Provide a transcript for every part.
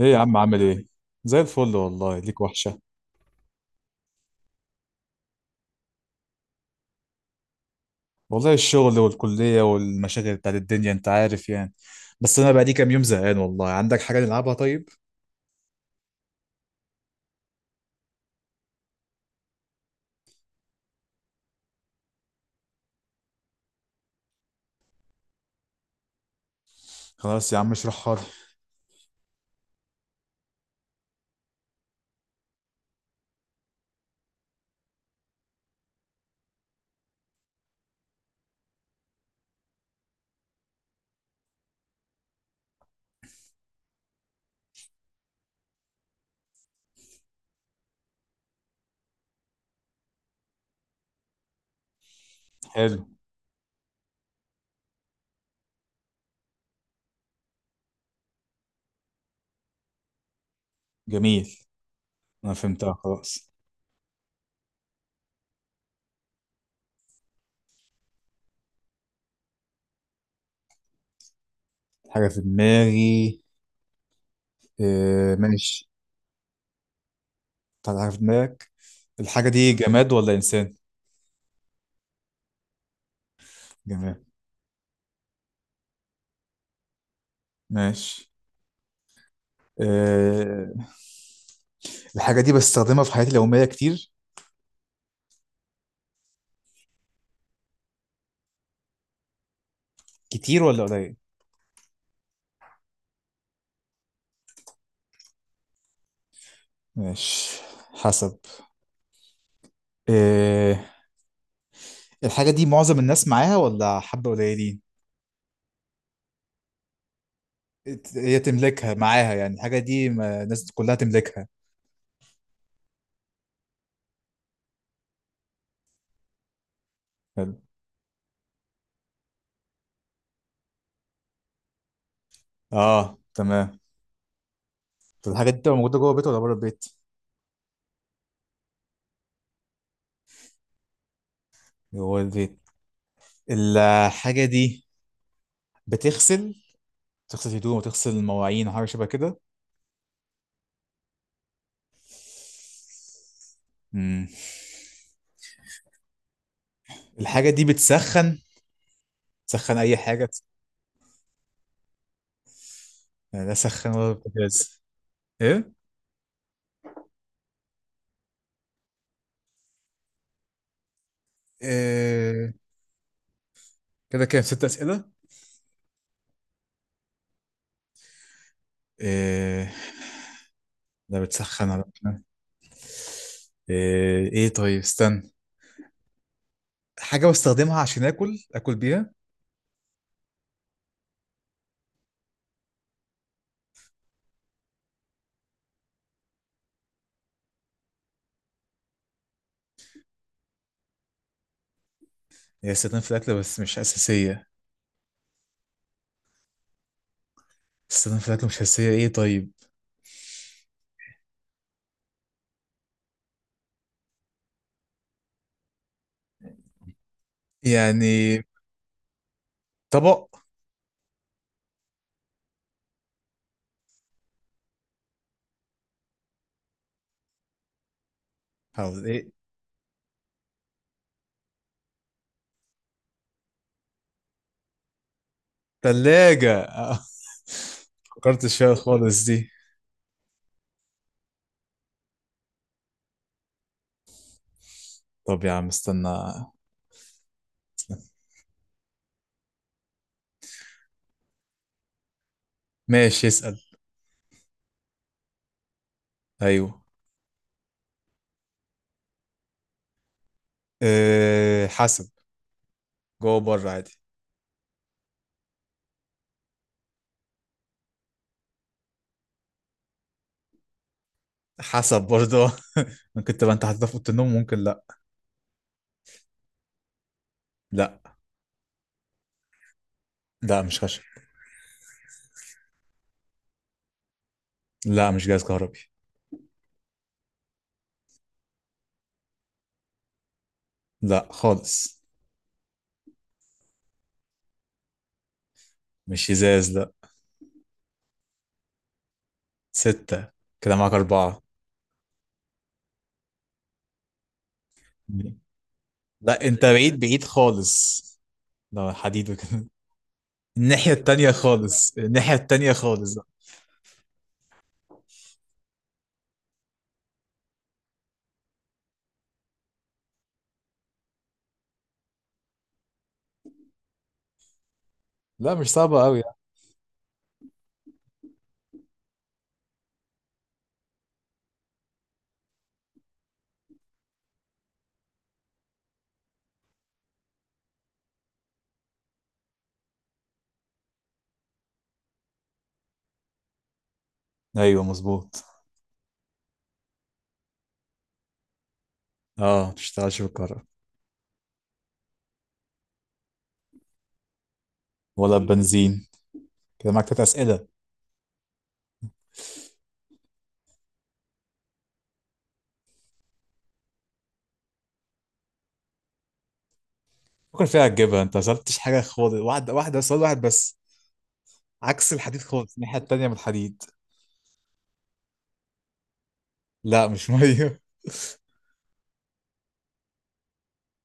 ايه يا عم عامل ايه؟ زي الفل والله، ليك وحشة. والله الشغل والكلية والمشاغل بتاعت الدنيا، انت عارف يعني. بس انا بقى لي كام يوم زهقان والله. عندك حاجة نلعبها طيب؟ خلاص يا عم اشرحها لي. حلو، جميل، انا فهمتها خلاص. حاجة في دماغي، إيه ماشي. طلع حاجة في دماغك. الحاجة دي جماد ولا انسان؟ جماد، ماشي، إيه. الحاجة دي بستخدمها في حياتي اليومية كتير، كتير ولا قليل؟ ماشي، حسب، إيه. الحاجة دي معظم الناس معاها ولا حبة قليلين؟ هي تملكها معاها، يعني الحاجة دي الناس كلها تملكها. حلو. اه تمام. طب الحاجة دي بتبقى موجودة جوه البيت ولا بره البيت؟ جوه البيت. الحاجة دي بتغسل، تغسل هدوم وتغسل مواعين وحاجة شبه كده؟ مم. الحاجة دي بتسخن، تسخن أي حاجة؟ يعني لا سخن ولا بوتاجاز. إيه؟ إيه، كده كام؟ ست أسئلة؟ إيه، لا بتسخن ولا، إيه, ايه طيب استنى. حاجة بستخدمها عشان اكل، اكل بيها. هي استخدام في الاكل بس مش اساسية؟ استخدام في الاكل مش اساسية، ايه طيب، يعني طبق. حاول ايه. تلاجة، آه، فكرت فيها خالص دي. طب يا عم استنى. استنى. ماشي اسأل. ايوه. إيه حسب، جوه بره عادي. حسب برضه. ممكن تبقى انت حاططها في اوضه النوم، ممكن لا. لا. لا مش خشب. لا مش جهاز كهربي. لا خالص. مش ازاز لا. ستة. كده معاك أربعة. لا أنت بعيد، بعيد خالص لو حديد وكده. الناحية التانية خالص، الناحية التانية خالص. لا مش صعبة أوي. يعني أيوه مظبوط. أه مشتغلش بالكهرباء. ولا بنزين. كده معاك تلات أسئلة. فكر فيها تجيبها، أنت مسألتش حاجة خالص، واحدة واحدة، سؤال واحد بس. عكس الحديد خالص، الناحية التانية من الحديد. لا مش مية.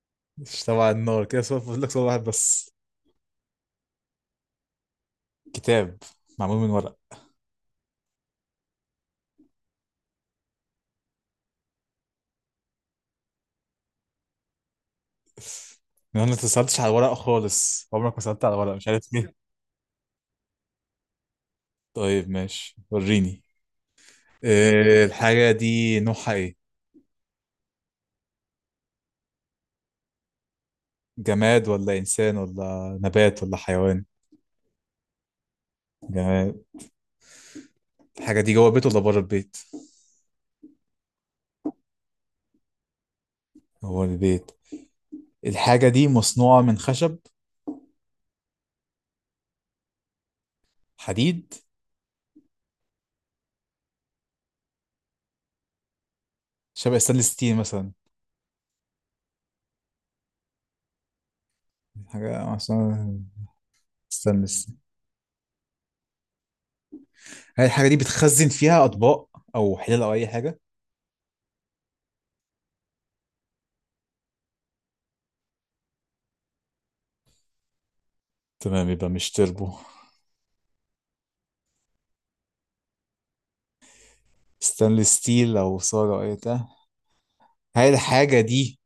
مش تبع النار. كده سؤال فاضل لك، سؤال واحد بس. كتاب معمول من ورق. انا ما اتصلتش على الورق خالص، عمرك ما سألت على الورق، مش عارف ليه. طيب ماشي وريني. إيه الحاجة دي نوعها ايه؟ جماد ولا انسان ولا نبات ولا حيوان؟ جماد. الحاجة دي جوه البيت ولا بره البيت؟ جوه البيت. الحاجة دي مصنوعة من خشب؟ حديد؟ شبه ستانلس ستيل مثلا؟ حاجة مصنوعة، ستانلس. هل الحاجة دي بتخزن فيها أطباق أو حلال أو أي حاجة؟ تمام، يبقى مش تربو، ستانلس ستيل أو صاج أو أي بتاع. هل الحاجة دي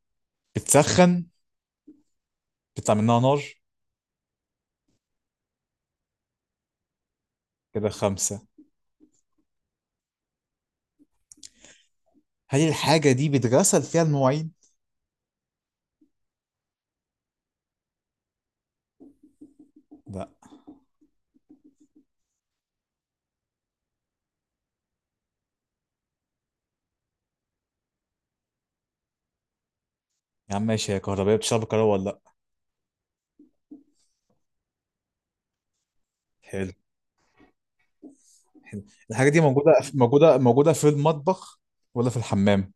بتسخن، بيطلع منها نار؟ كده خمسة. هل الحاجة دي بتغسل فيها المواعين؟ لا. يا عم ماشي، هي كهربائية، بتشتغل بالكهرباء ولا لا؟ حلو. حلو. الحاجة دي موجودة، موجودة، موجودة في المطبخ ولا في الحمام؟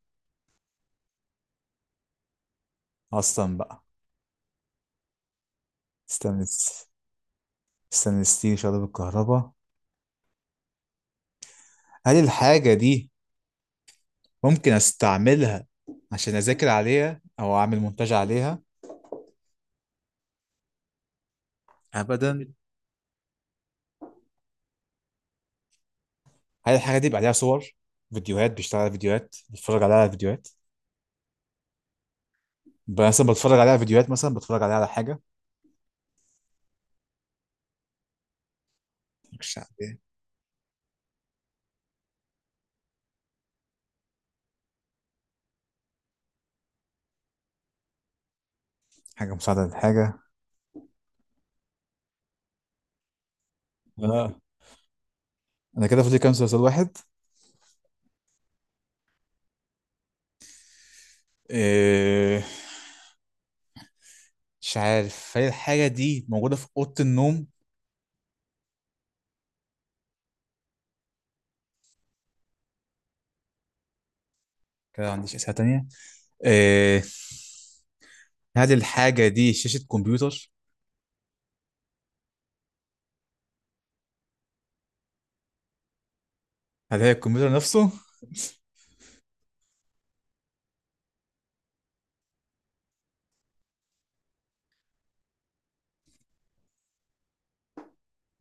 أصلا بقى استنى. استنى ستيل شغالة بالكهرباء. هل الحاجة دي ممكن أستعملها عشان أذاكر عليها أو أعمل مونتاج عليها؟ أبدا. هل الحاجة دي بيبقى عليها صور، فيديوهات، بيشتغل على فيديوهات، بتفرج عليها على فيديوهات؟ مثلا بتفرج عليها على فيديوهات، مثلا بتفرج عليها على حاجة الشعبية. حاجة مساعدة للحاجة. اه. أنا كده فاضل كام؟ مسلسل واحد. إيه، مش عارف. هل الحاجة دي موجودة في أوضة النوم؟ كده ما عنديش أسئلة تانية. إيه. هل الحاجة دي شاشة كمبيوتر؟ هل هي الكمبيوتر نفسه؟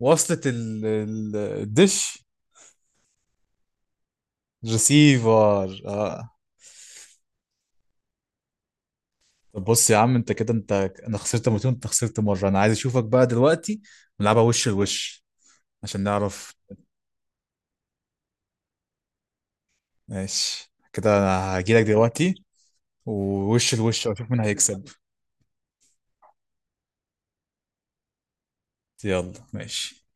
وصلت الدش. ريسيفر اه. طب بص يا عم انت كده انا خسرت مرتين، انت خسرت مرة، انا عايز اشوفك بقى دلوقتي. نلعبها وش لوش عشان نعرف. ماشي، كده انا هجيلك دلوقتي ووش الوش واشوف مين هيكسب. يلا ماشي.